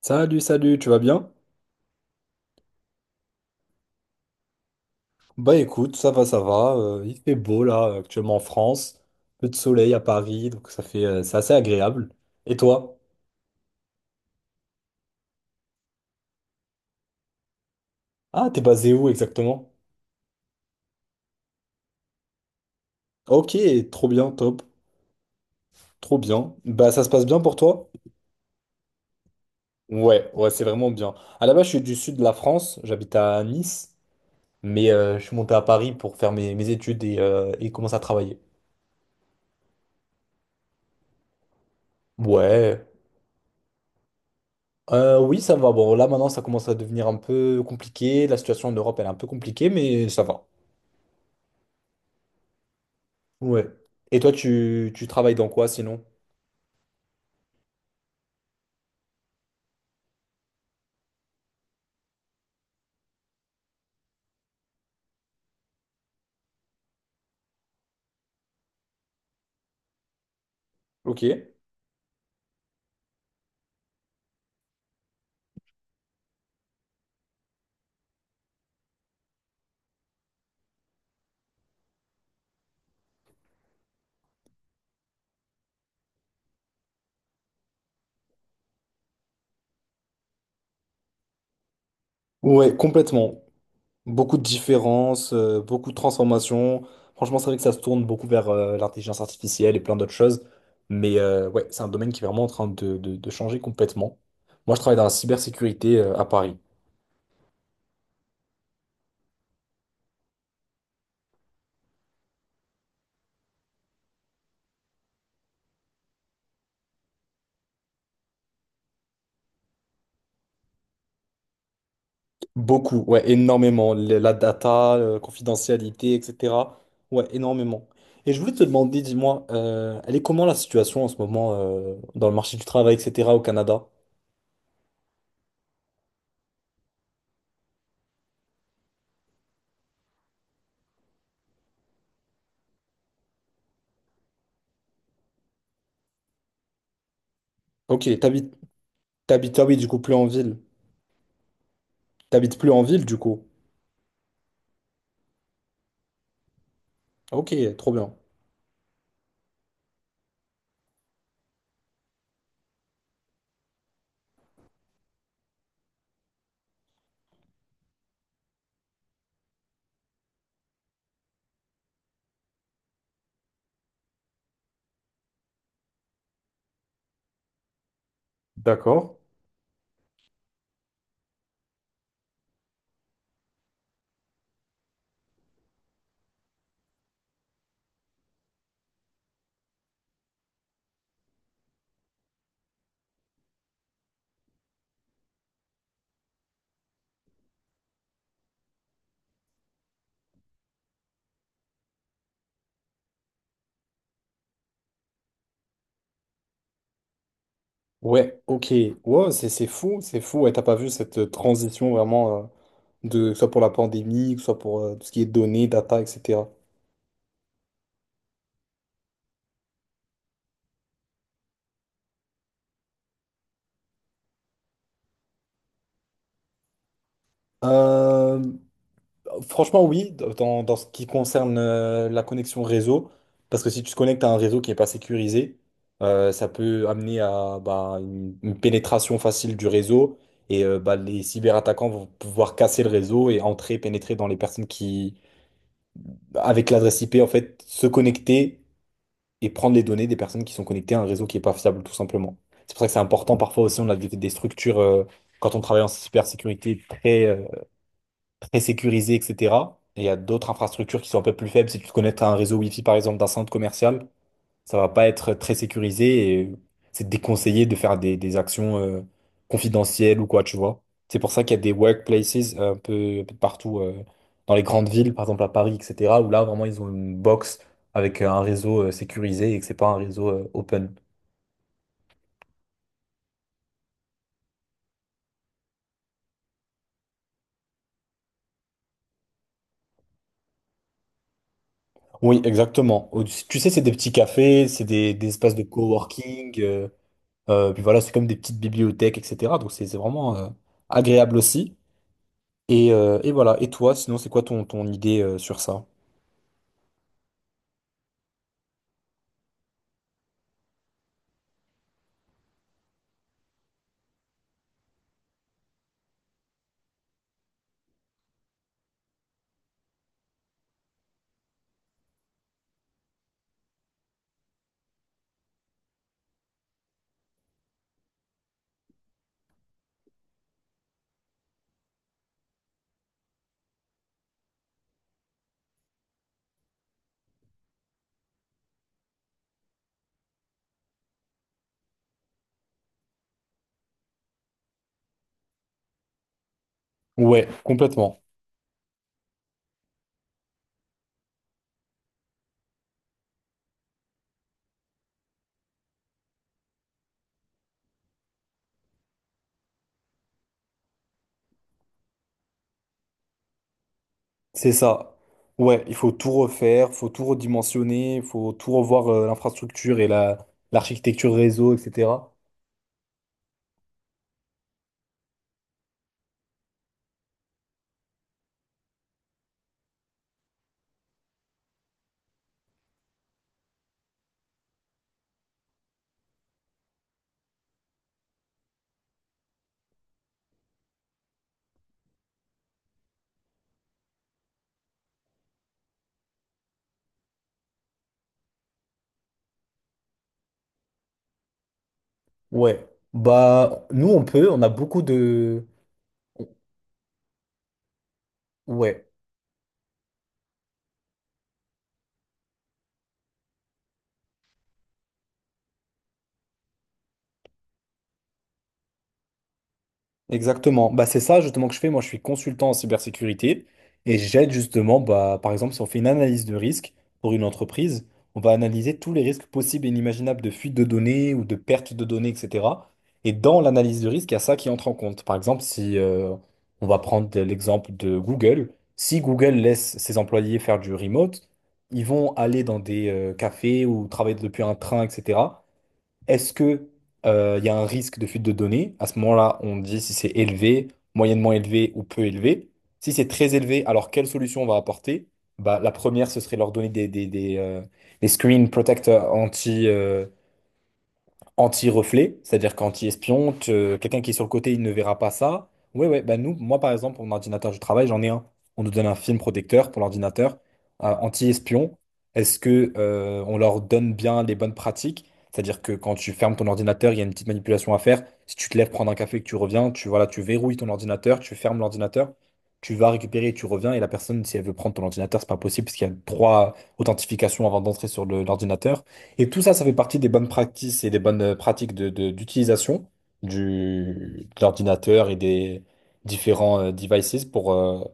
Salut, salut, tu vas bien? Bah écoute, ça va, ça va. Il fait beau là, actuellement en France. Peu de soleil à Paris, donc ça fait, c'est assez agréable. Et toi? Ah, t'es basé où exactement? Ok, trop bien, top, trop bien. Bah ça se passe bien pour toi? Ouais, ouais, c'est vraiment bien. À la base, je suis du sud de la France, j'habite à Nice, mais je suis monté à Paris pour faire mes études et commencer à travailler. Ouais. Oui, ça va. Bon, là maintenant, ça commence à devenir un peu compliqué. La situation en Europe, elle est un peu compliquée, mais ça va. Ouais. Et toi, tu travailles dans quoi sinon? Ok. Ouais, complètement. Beaucoup de différences, beaucoup de transformations. Franchement, c'est vrai que ça se tourne beaucoup vers l'intelligence artificielle et plein d'autres choses. Mais ouais, c'est un domaine qui est vraiment en train de, de changer complètement. Moi, je travaille dans la cybersécurité à Paris. Beaucoup, ouais, énormément. La data, confidentialité, etc. Ouais, énormément. Et je voulais te demander, dis-moi, elle est comment la situation en ce moment dans le marché du travail, etc., au Canada? Ok, t'habites, ah oui, du coup, plus en ville. T'habites plus en ville, du coup. Ok, trop bien. D'accord. Ouais, ok. Wow, c'est fou, c'est fou. Ouais, t'as pas vu cette transition vraiment, de, que ce soit pour la pandémie, que ce soit pour tout ce qui est données, data, etc. Euh, Franchement, oui, dans, dans ce qui concerne la connexion réseau, parce que si tu te connectes à un réseau qui n'est pas sécurisé, ça peut amener à bah, une pénétration facile du réseau et bah, les cyberattaquants vont pouvoir casser le réseau et entrer, pénétrer dans les personnes qui, avec l'adresse IP, en fait, se connecter et prendre les données des personnes qui sont connectées à un réseau qui n'est pas fiable, tout simplement. C'est pour ça que c'est important parfois aussi, on a des structures, quand on travaille en cybersécurité, très, très sécurisé, etc. Et il y a d'autres infrastructures qui sont un peu plus faibles. Si tu te connectes à un réseau Wi-Fi, par exemple, d'un centre commercial, ça va pas être très sécurisé et c'est déconseillé de faire des actions confidentielles ou quoi, tu vois. C'est pour ça qu'il y a des workplaces un peu partout dans les grandes villes, par exemple à Paris, etc., où là, vraiment, ils ont une box avec un réseau sécurisé et que c'est pas un réseau open. Oui, exactement. Au- Tu sais, c'est des petits cafés, c'est des espaces de coworking. Puis voilà, c'est comme des petites bibliothèques, etc. Donc c'est vraiment agréable aussi. Et voilà. Et toi, sinon, c'est quoi ton, ton idée sur ça? Ouais, complètement. C'est ça. Ouais, il faut tout refaire, faut tout redimensionner, faut tout revoir l'infrastructure et la, l'architecture réseau, etc. Ouais. Bah, nous, on peut, on a beaucoup de... Ouais, exactement. Bah, c'est ça justement que je fais. Moi, je suis consultant en cybersécurité et j'aide justement, bah, par exemple, si on fait une analyse de risque pour une entreprise, on va analyser tous les risques possibles et inimaginables de fuite de données ou de perte de données, etc. Et dans l'analyse de risque, il y a ça qui entre en compte. Par exemple, si on va prendre l'exemple de Google, si Google laisse ses employés faire du remote, ils vont aller dans des cafés ou travailler depuis un train, etc. Est-ce que il y a un risque de fuite de données? À ce moment-là, on dit si c'est élevé, moyennement élevé ou peu élevé. Si c'est très élevé, alors quelle solution on va apporter? Bah, la première, ce serait leur donner des screen protectors anti, anti-reflet, c'est-à-dire qu'anti-espion, te- quelqu'un qui est sur le côté, il ne verra pas ça. Ouais, ouais, bah nous, moi par exemple, pour mon ordinateur de travail, j'en ai un. On nous donne un film protecteur pour l'ordinateur, anti-espion. Est-ce que on leur donne bien les bonnes pratiques? C'est-à-dire que quand tu fermes ton ordinateur, il y a une petite manipulation à faire. Si tu te lèves prendre un café et que tu reviens, tu voilà, tu verrouilles ton ordinateur, tu fermes l'ordinateur, tu vas récupérer, et tu reviens et la personne, si elle veut prendre ton ordinateur, c'est pas possible parce qu'il y a trois authentifications avant d'entrer sur l'ordinateur. Et tout ça, ça fait partie des bonnes practices et des bonnes pratiques de, d'utilisation du, de l'ordinateur et des différents devices pour,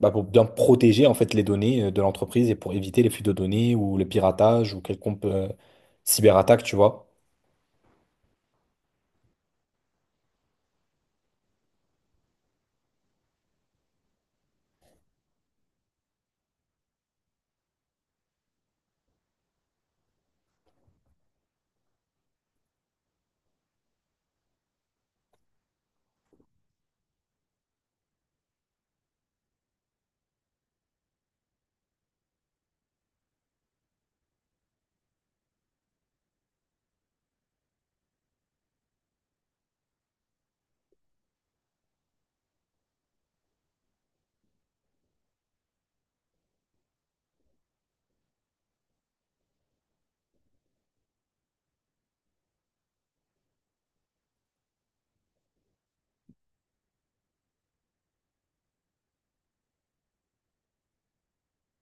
bah, pour bien protéger en fait les données de l'entreprise et pour éviter les fuites de données ou le piratage ou quelconque cyberattaque, tu vois.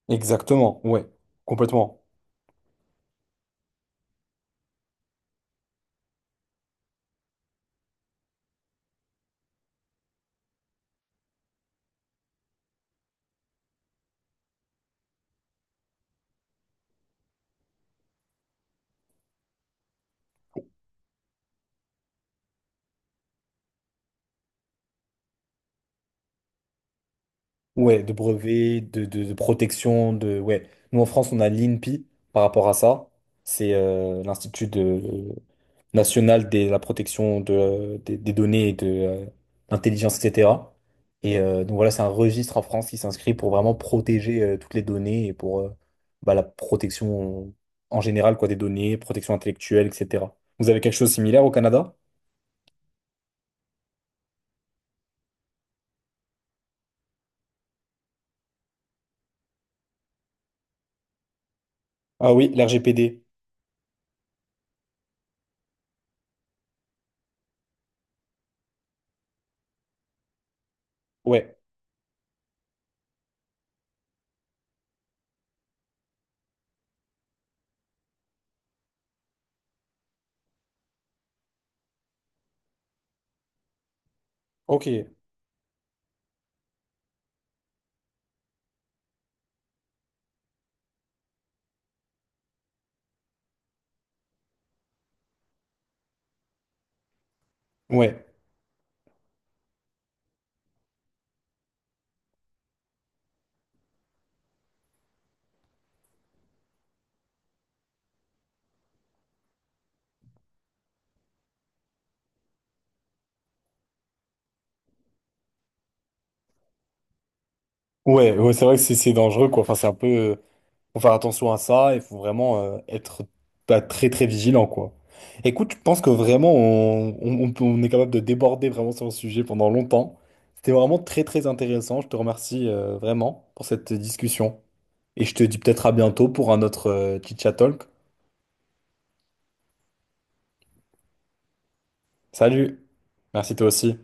Exactement, ouais, complètement. Ouais, de brevets, de, de protection, de ouais. Nous en France, on a l'INPI par rapport à ça. C'est l'Institut de, nationale de la protection de, des données et de l'intelligence, etc. Et donc voilà, c'est un registre en France qui s'inscrit pour vraiment protéger toutes les données et pour bah, la protection en général quoi, des données, protection intellectuelle, etc. Vous avez quelque chose de similaire au Canada? Ah oui, l'RGPD. Ouais, ok. Ouais. Ouais, ouais, c'est vrai que c'est dangereux, quoi. Enfin, c'est un peu. Faut faire attention à ça, il faut vraiment être bah, très très vigilant, quoi. Écoute, je pense que vraiment on, on est capable de déborder vraiment sur le sujet pendant longtemps. C'était vraiment très très intéressant. Je te remercie vraiment pour cette discussion. Et je te dis peut-être à bientôt pour un autre chit-chat talk. Salut! Merci toi aussi.